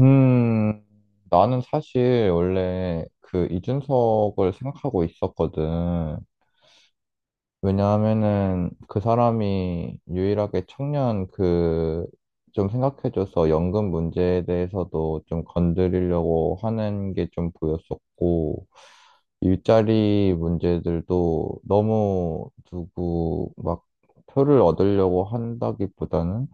음, 나는 사실 원래 그 이준석을 생각하고 있었거든. 왜냐하면은 그 사람이 유일하게 청년 좀 생각해줘서 연금 문제에 대해서도 좀 건드리려고 하는 게 좀 보였었고, 일자리 문제들도 너무 누구 막 표를 얻으려고 한다기보다는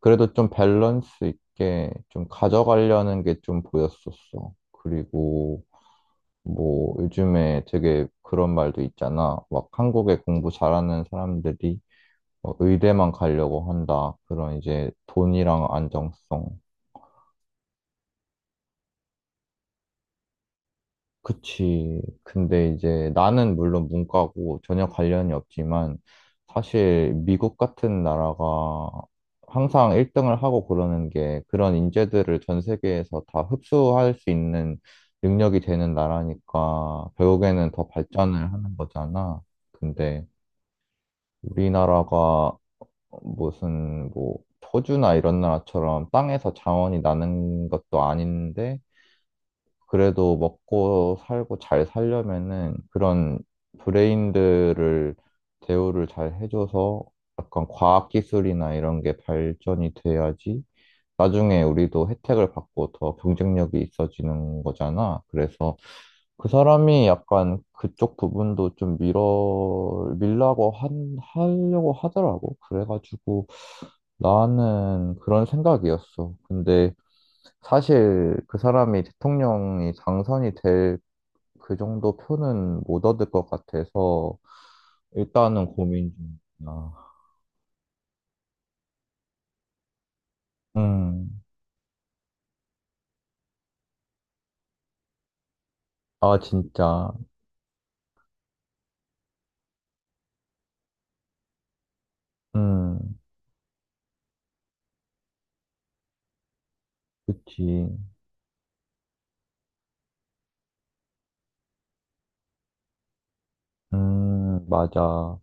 그래도 좀 밸런스 있게 좀 가져가려는 게 좀 보였었어. 그리고 뭐 요즘에 되게 그런 말도 있잖아. 막 한국에 공부 잘하는 사람들이 뭐 의대만 가려고 한다. 그런 이제 돈이랑 안정성. 그치. 근데 이제 나는 물론 문과고 전혀 관련이 없지만 사실 미국 같은 나라가 항상 1등을 하고 그러는 게 그런 인재들을 전 세계에서 다 흡수할 수 있는 능력이 되는 나라니까 결국에는 더 발전을 하는 거잖아. 근데 우리나라가 무슨 뭐 호주나 이런 나라처럼 땅에서 자원이 나는 것도 아닌데 그래도 먹고 살고 잘 살려면은 그런 브레인들을 대우를 잘 해줘서 약간 과학 기술이나 이런 게 발전이 돼야지 나중에 우리도 혜택을 받고 더 경쟁력이 있어지는 거잖아. 그래서 그 사람이 약간 그쪽 부분도 좀 밀어 밀라고 한 하려고 하더라고. 그래가지고 나는 그런 생각이었어. 근데 사실 그 사람이 대통령이 당선이 될 그 정도 표는 못 얻을 것 같아서 일단은 고민 중이야. 음, 아, 진짜. 음, 그치. 맞아.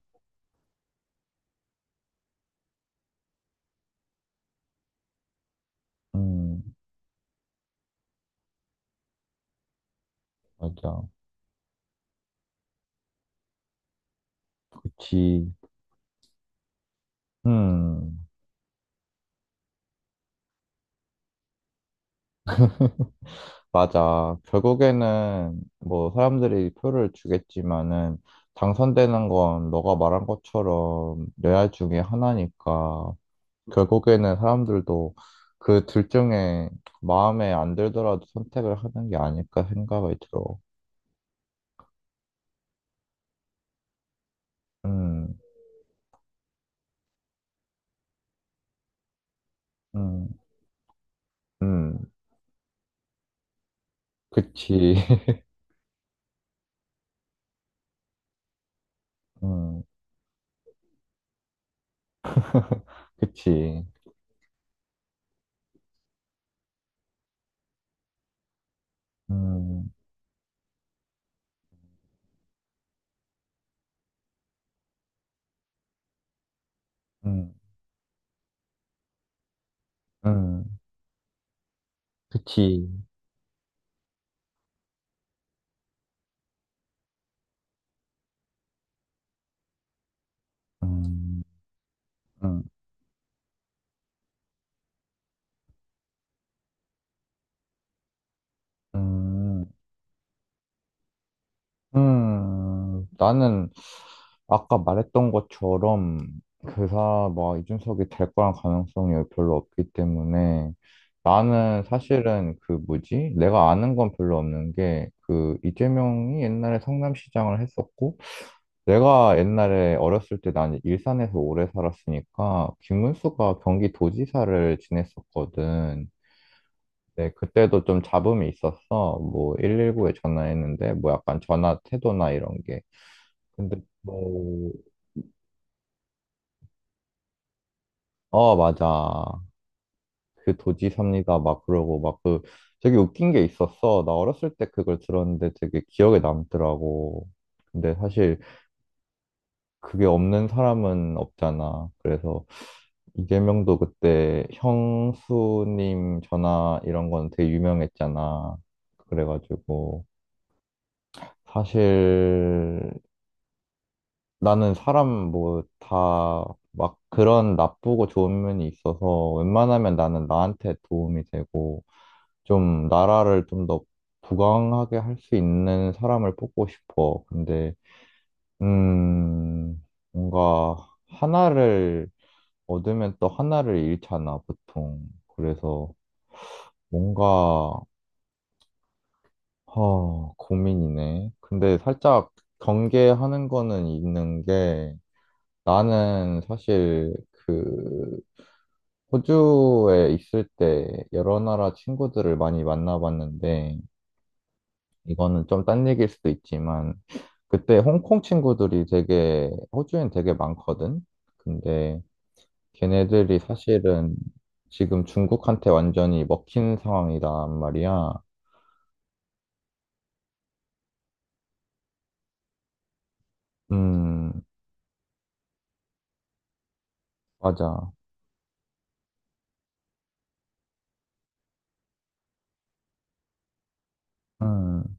음, 맞아. 그치. 음, 맞아. 결국에는 뭐 사람들이 표를 주겠지만은 당선되는 건 너가 말한 것처럼 레알 중에 하나니까. 결국에는 사람들도 그 둘 중에 마음에 안 들더라도 선택을 하는 게 아닐까 생각이 들어. 음, 음, 음, 그치. 음, 그치. 음, 음, 음, 그치. 음, 음, 음. 나는 아까 말했던 것처럼 그사 뭐 이준석이 될 거란 가능성이 별로 없기 때문에 나는 사실은 그 뭐지? 내가 아는 건 별로 없는 게 그 이재명이 옛날에 성남시장을 했었고 내가 옛날에 어렸을 때 난 일산에서 오래 살았으니까 김문수가 경기도지사를 지냈었거든. 네, 그때도 좀 잡음이 있었어. 뭐, 119에 전화했는데, 뭐 약간 전화 태도나 이런 게. 근데 뭐, 어, 맞아. 그 도지사입니다. 막 그러고, 막 그, 되게 웃긴 게 있었어. 나 어렸을 때 그걸 들었는데 되게 기억에 남더라고. 근데 사실 그게 없는 사람은 없잖아. 그래서 이재명도 그때 형수님 전화 이런 건 되게 유명했잖아. 그래가지고, 사실 나는 사람 뭐 다 막 그런 나쁘고 좋은 면이 있어서 웬만하면 나는 나한테 도움이 되고 좀 나라를 좀 더 부강하게 할 수 있는 사람을 뽑고 싶어. 근데 음 뭔가 하나를 얻으면 또 하나를 잃잖아, 보통. 그래서 뭔가 고민이네. 근데 살짝 경계하는 거는 있는 게 나는 사실 그 호주에 있을 때 여러 나라 친구들을 많이 만나봤는데, 이거는 좀 딴 얘기일 수도 있지만, 그때 홍콩 친구들이 되게, 호주엔 되게 많거든? 근데 걔네들이 사실은 지금 중국한테 완전히 먹힌 상황이란 말이야. 음, 맞아. 음,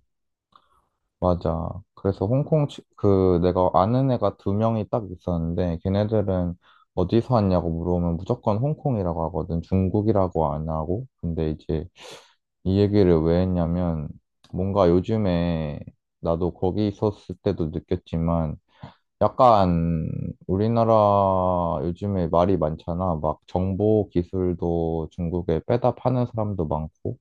맞아. 그래서 홍콩, 그, 내가 아는 애가 두 명이 딱 있었는데, 걔네들은 어디서 왔냐고 물어보면 무조건 홍콩이라고 하거든. 중국이라고 안 하고. 근데 이제 이 얘기를 왜 했냐면, 뭔가 요즘에 나도 거기 있었을 때도 느꼈지만, 약간 우리나라 요즘에 말이 많잖아. 막 정보 기술도 중국에 빼다 파는 사람도 많고,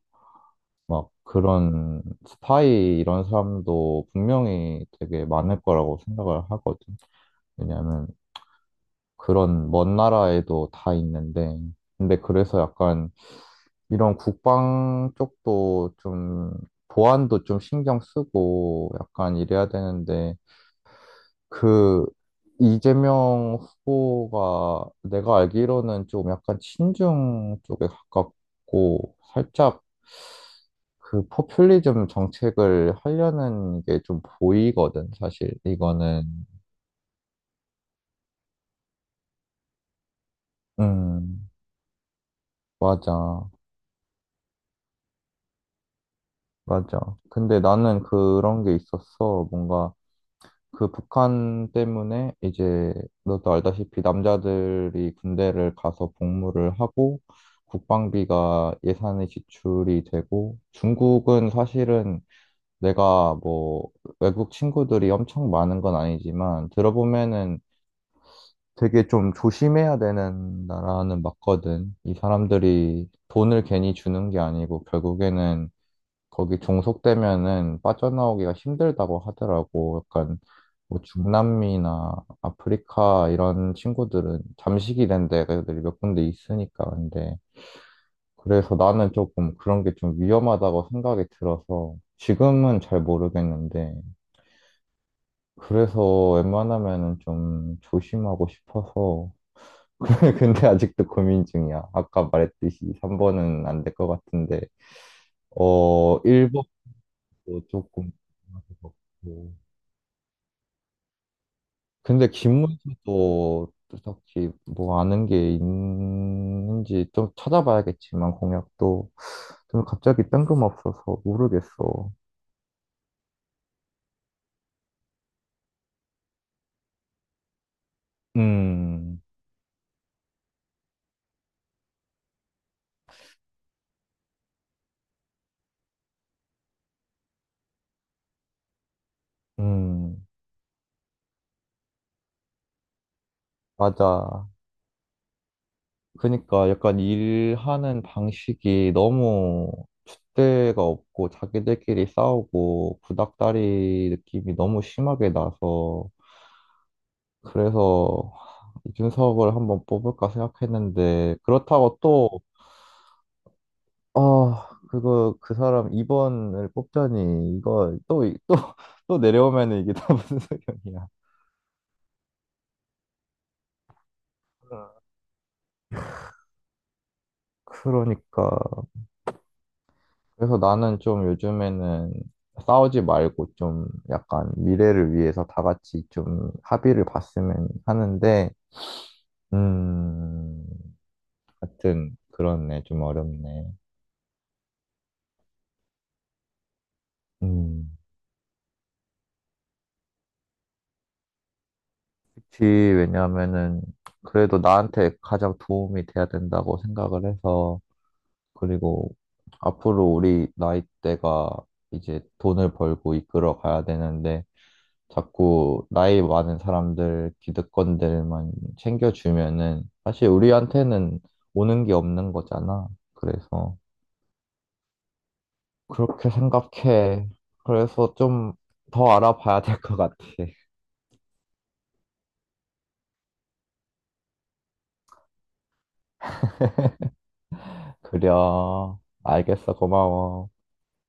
막 그런 스파이 이런 사람도 분명히 되게 많을 거라고 생각을 하거든. 왜냐하면 그런 먼 나라에도 다 있는데, 근데 그래서 약간 이런 국방 쪽도 좀 보안도 좀 신경 쓰고 약간 이래야 되는데, 그 이재명 후보가 내가 알기로는 좀 약간 친중 쪽에 가깝고 살짝 그 포퓰리즘 정책을 하려는 게 좀 보이거든, 사실. 이거는. 음, 맞아. 맞아. 근데 나는 그런 게 있었어. 뭔가 그 북한 때문에 이제 너도 알다시피 남자들이 군대를 가서 복무를 하고 국방비가 예산이 지출이 되고 중국은 사실은 내가 뭐 외국 친구들이 엄청 많은 건 아니지만 들어보면은 되게 좀 조심해야 되는 나라는 맞거든. 이 사람들이 돈을 괜히 주는 게 아니고 결국에는 거기 종속되면은 빠져나오기가 힘들다고 하더라고. 약간 뭐 중남미나 아프리카 이런 친구들은 잠식이 된 데가 몇 군데 있으니까 근데 그래서 나는 조금 그런 게 좀 위험하다고 생각이 들어서 지금은 잘 모르겠는데 그래서 웬만하면은 좀 조심하고 싶어서 근데 아직도 고민 중이야. 아까 말했듯이 3번은 안 될 것 같은데, 1번도 조금 궁금할 것 같고. 근데 김문수도 딱히 뭐 아는 게 있는지 좀 찾아봐야겠지만, 공약도 좀 갑자기 뜬금없어서 모르겠어. 음, 음, 맞아. 그러니까 약간 일하는 방식이 너무 줏대가 없고 자기들끼리 싸우고 구닥다리 느낌이 너무 심하게 나서 그래서 이준석을 한번 뽑을까 생각했는데 그렇다고 또 아, 그거 그 사람 2번을 뽑자니 이거 또 또 또 내려오면은 이게 다 무슨 소용이야. 그러니까 그래서 나는 좀 요즘에는 싸우지 말고 좀 약간 미래를 위해서 다 같이 좀 합의를 봤으면 하는데, 음, 하여튼 그렇네. 좀 어렵네. 음, 그치. 왜냐하면은 그래도 나한테 가장 도움이 돼야 된다고 생각을 해서, 그리고 앞으로 우리 나이대가 이제 돈을 벌고 이끌어 가야 되는데, 자꾸 나이 많은 사람들, 기득권들만 챙겨주면은 사실 우리한테는 오는 게 없는 거잖아. 그래서 그렇게 생각해. 그래서 좀 더 알아봐야 될 것 같아. 그래. 알겠어. 고마워.